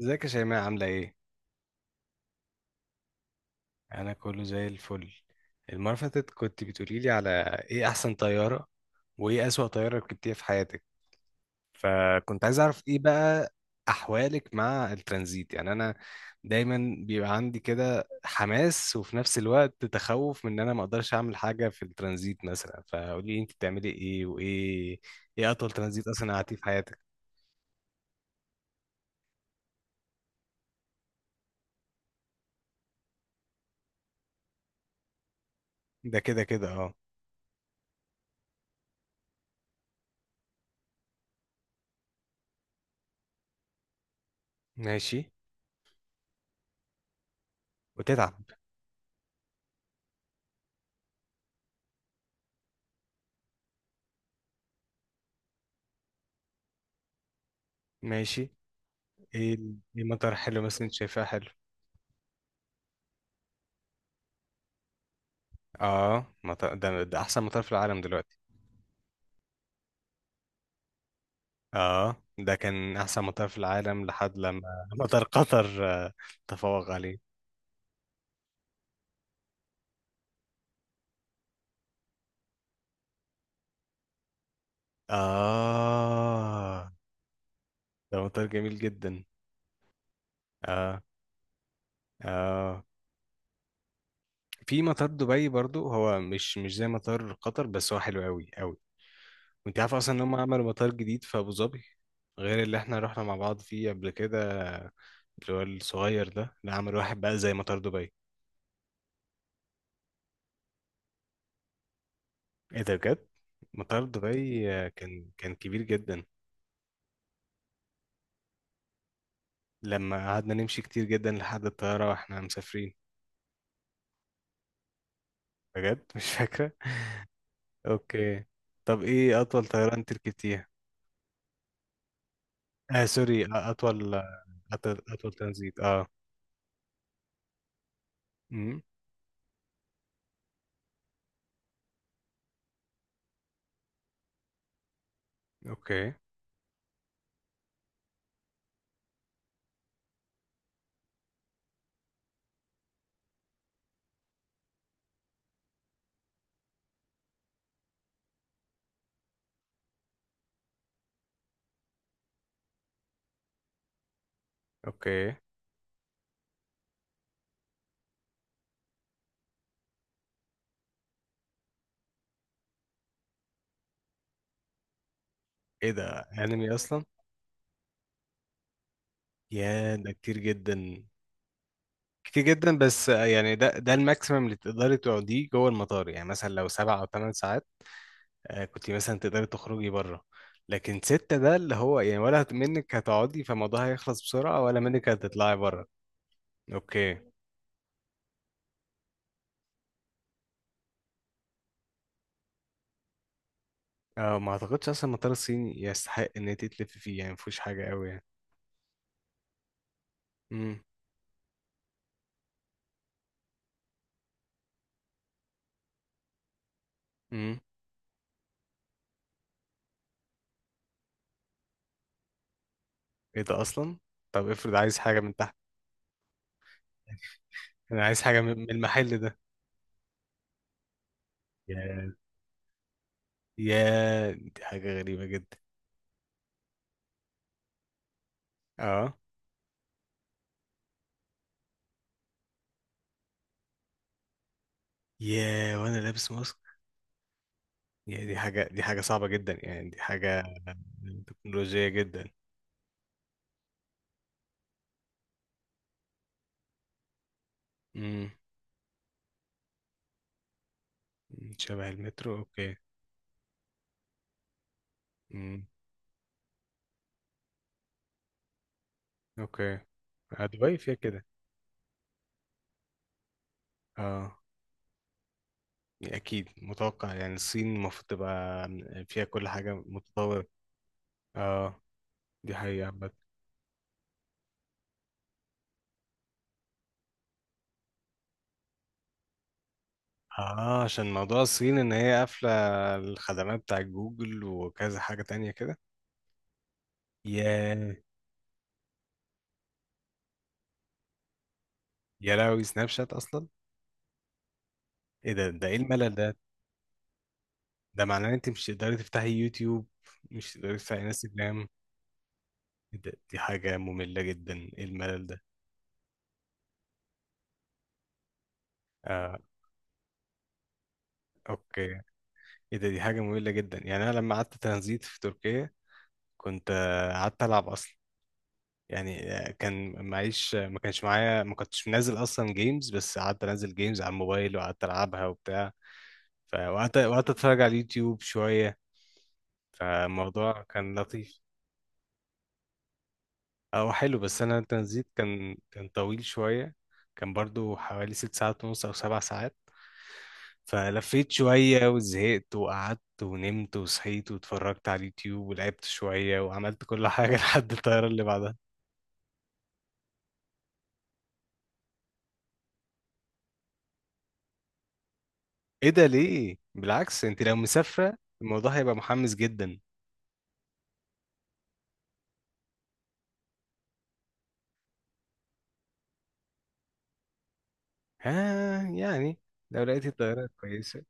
ازيك يا شيماء، عاملة ايه؟ أنا كله زي الفل. المرة اللي فاتت كنت بتقولي لي على ايه أحسن طيارة وايه أسوأ طيارة ركبتيها في حياتك، فكنت عايز أعرف ايه بقى أحوالك مع الترانزيت. يعني أنا دايما بيبقى عندي كده حماس وفي نفس الوقت تخوف من إن أنا ما أقدرش أعمل حاجة في الترانزيت مثلا، فقولي لي أنت بتعملي ايه وايه ايه أطول ترانزيت أصلا قعدتيه في حياتك؟ ده كده كده، اه. ماشي. وتتعب. ماشي. ايه ايه مطار حلو مثلا انت شايفاه حلو؟ اه، ده احسن مطار في العالم دلوقتي. اه، ده كان احسن مطار في العالم لحد لما. مطار قطر تفوق عليه. اه. ده مطار جميل جدا. اه. اه. في مطار دبي برضو، هو مش زي مطار قطر، بس هو حلو قوي قوي. وانت عارف اصلا ان هم عملوا مطار جديد في ابو ظبي، غير اللي احنا رحنا مع بعض فيه قبل كده، اللي هو الصغير ده. لا، عملوا واحد بقى زي مطار دبي. ايه ده بجد؟ مطار دبي كان كبير جدا، لما قعدنا نمشي كتير جدا لحد الطيارة واحنا مسافرين. بجد مش فاكرة. اوكي. طب ايه اطول طيارة انت ركبتيها؟ اه، سوري، اطول، أطول ترانزيت. اه. امم. اوكي. اوكي. ايه ده؟ انمي اصلا؟ يا، ده كتير جدا. كتير جدا، بس يعني ده الماكسيمم اللي تقدري تقعديه جوه المطار، يعني مثلا لو 7 او 8 ساعات، كنت مثلا تقدري تخرجي بره. لكن ستة، ده اللي هو يعني، ولا منك هتقعدي فالموضوع هيخلص بسرعة، ولا منك هتطلعي بره. اوكي. اه، ما اعتقدش اصلا المطار الصيني يستحق ان انت تلفي فيه، يعني مفيهوش حاجة قوي يعني. امم. امم. ايه ده اصلا؟ طب افرض عايز حاجة من تحت. انا عايز حاجة من المحل ده. يا. يا، دي حاجة غريبة جدا. اه. يا، وانا لابس ماسك. يا، دي حاجة صعبة جدا، يعني دي حاجة تكنولوجية جدا. امم. شبه المترو، اوكي. امم. اوكي، دبي فيها كده. اه. اكيد متوقع يعني الصين المفروض تبقى فيها كل حاجه متطوره. اه. دي حقيقه عامة. اه، عشان موضوع الصين ان هي قافله الخدمات بتاع جوجل وكذا حاجه تانية كده. يا. يا لهوي، سناب شات اصلا؟ ايه ده ايه الملل ده؟ ده معناه ان انت مش تقدري تفتحي يوتيوب، مش تقدري تفتحي انستجرام؟ إيه ده؟ دي حاجه ممله جدا، ايه الملل ده. آه. اوكي. ايه ده؟ دي حاجة مملة جدا. يعني انا لما قعدت ترانزيت في تركيا كنت قعدت العب اصلا. يعني كان معيش، ما كانش معايا، ما كنتش منزل اصلا جيمز، بس قعدت انزل جيمز على الموبايل وقعدت العبها وبتاع. فوقعدت اتفرج على اليوتيوب شوية، فالموضوع كان لطيف. او حلو، بس انا الترانزيت كان طويل شوية. كان برضو حوالي 6 ساعات ونص او 7 ساعات. فلفيت شوية وزهقت وقعدت ونمت وصحيت واتفرجت على اليوتيوب ولعبت شوية وعملت كل حاجة لحد الطيارة اللي بعدها. ايه ده؟ ليه؟ بالعكس انت لو مسافرة الموضوع هيبقى محمس جدا. ها، يعني لو لقيتي الطيارة كويسة.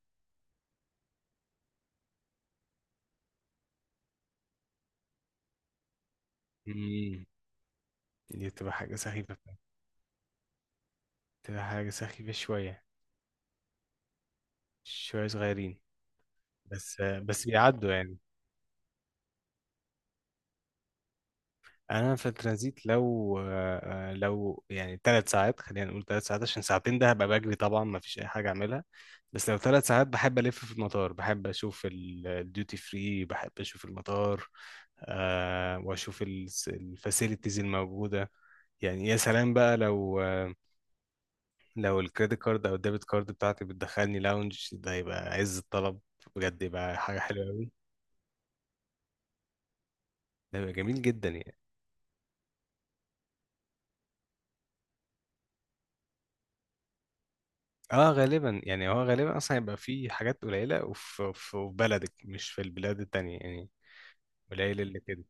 مم. دي تبقى حاجة سخيفة فعلا. تبقى حاجة سخيفة شوية، شوية صغيرين بس، بس بيعدوا يعني. انا في الترانزيت لو، لو يعني 3 ساعات، خلينا نقول 3 ساعات عشان ساعتين، ده هبقى بجري طبعا، ما فيش اي حاجه اعملها. بس لو 3 ساعات بحب الف في المطار، بحب اشوف الديوتي فري، بحب اشوف المطار، واشوف الفاسيلتيز الموجوده يعني. يا سلام بقى لو الكريدت كارد او الديبت كارد بتاعتي بتدخلني لاونج، ده يبقى عز الطلب. بجد يبقى حاجه حلوه قوي. ده يبقى جميل جدا يعني. اه، غالبا يعني هو غالبا اصلا هيبقى في حاجات قليله، وفي بلدك، مش في البلاد التانية يعني. قليل اللي كده.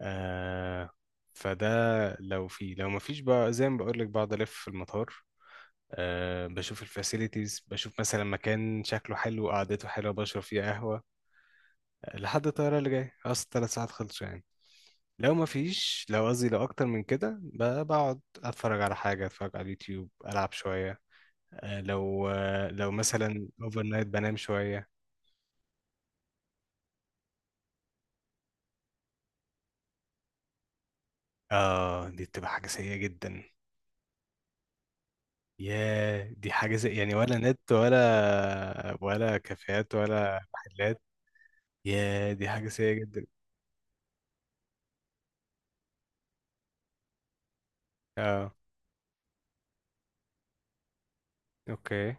آه فده، لو في، لو ما فيش بقى زي ما بقول لك، بقعد الف في المطار. بشوف الفاسيلتيز، بشوف مثلا مكان شكله حلو وقعدته حلوه، بشرب فيه قهوه، لحد الطياره اللي جايه، اصل 3 ساعات خلصوا يعني. لو ما فيش، لو قصدي لو اكتر من كده، بقعد اتفرج على حاجه، اتفرج على اليوتيوب، العب شويه. لو مثلا اوفر نايت بنام شويه. اه، دي بتبقى حاجة سيئة جدا. ياه، دي حاجة، زي يعني، ولا نت، ولا كافيهات ولا محلات. ياه، دي حاجة سيئة جدا. اه. اوكي.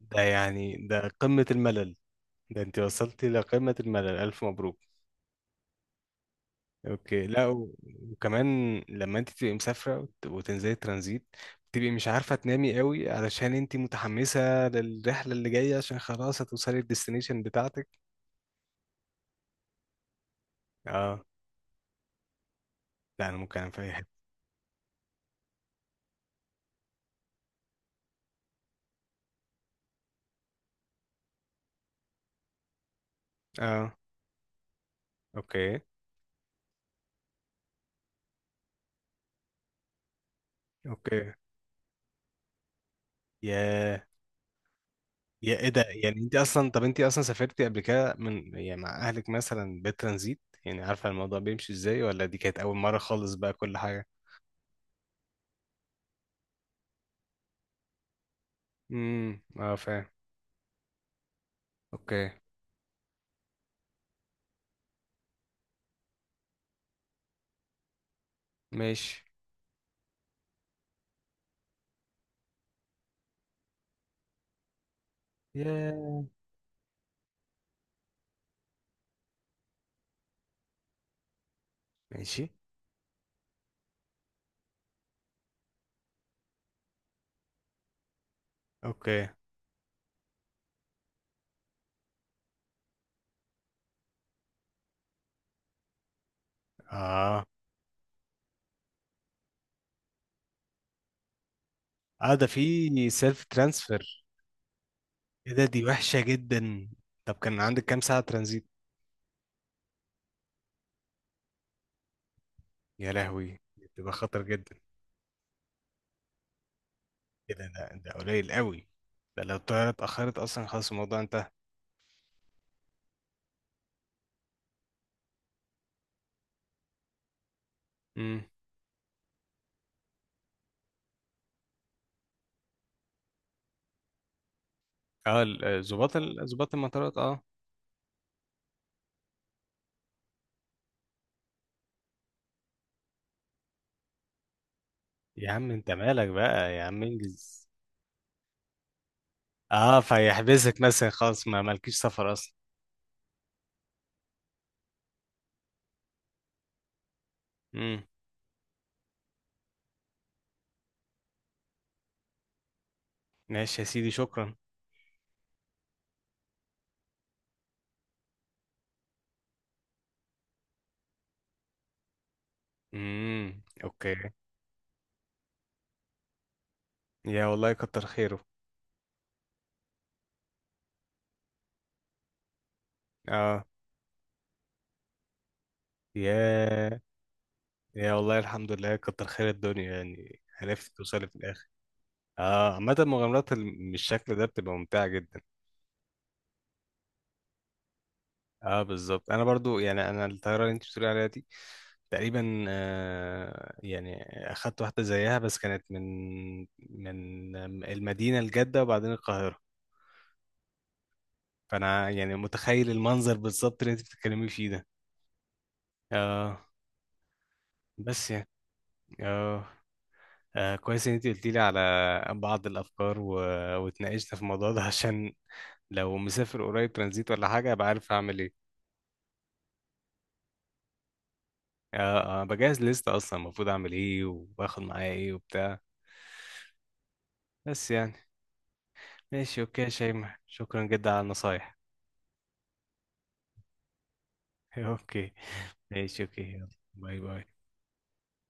ده يعني ده قمة الملل. ده انت وصلتي لقمة الملل، ألف مبروك. اوكي. لا، وكمان لما انت تبقي مسافرة، وتنزلي ترانزيت، بتبقي مش عارفة تنامي قوي، علشان انت متحمسة للرحلة اللي جاية، عشان خلاص هتوصلي الديستنيشن بتاعتك. اه. لا، انا ممكن انام في اي حتة. اه. اوكي. اوكي. يا يا ايه ده؟ يعني انت اصلا، طب انت اصلا سافرتي قبل كده من، يعني مع اهلك مثلا بالترانزيت، يعني عارفه الموضوع بيمشي ازاي، ولا دي كانت اول مره خالص بقى كل حاجه؟ امم، اه فاهم. اوكي. ماشي يا. ماشي، اوكي. اه. اه، ده في سيلف ترانسفير. ايه ده، دي وحشه جدا. طب كان عندك كام ساعه ترانزيت؟ يا لهوي، دي بتبقى خطر جدا. كده، ده قليل قوي. ده لو الطياره اتاخرت اصلا، خلاص الموضوع انتهى. اه، ظباط المطارات، اه. يا عم انت مالك بقى، يا عم انجز. اه، فيحبسك مثلا، خلاص ما مالكيش سفر اصلا. امم. ماشي يا سيدي، شكرا. امم. اوكي. يا والله كتر خيره. اه. يا يا والله الحمد لله، كتر خير الدنيا يعني، عرفت توصلي في الاخر. اه، عامة مغامرات بالشكل ده بتبقى ممتعة جدا. اه، بالظبط. انا برضو يعني، انا الطياره اللي انت بتقولي عليها دي تقريبا، يعني اخدت واحده زيها، بس كانت من المدينه لجده وبعدين القاهره. فانا يعني متخيل المنظر بالظبط اللي انت بتتكلمي فيه ده. اه، بس يعني، اه، كويس ان انت قلتي لي على بعض الافكار و... واتناقشنا في الموضوع ده، عشان لو مسافر قريب ترانزيت ولا حاجه ابقى عارف اعمل ايه. اه، بجهز لستة اصلا، المفروض اعمل ايه وباخد معايا ايه وبتاع. بس يعني ماشي، اوكي يا شيماء، شكرا جدا على النصايح. اوكي. ماشي اوكي، يلا باي باي.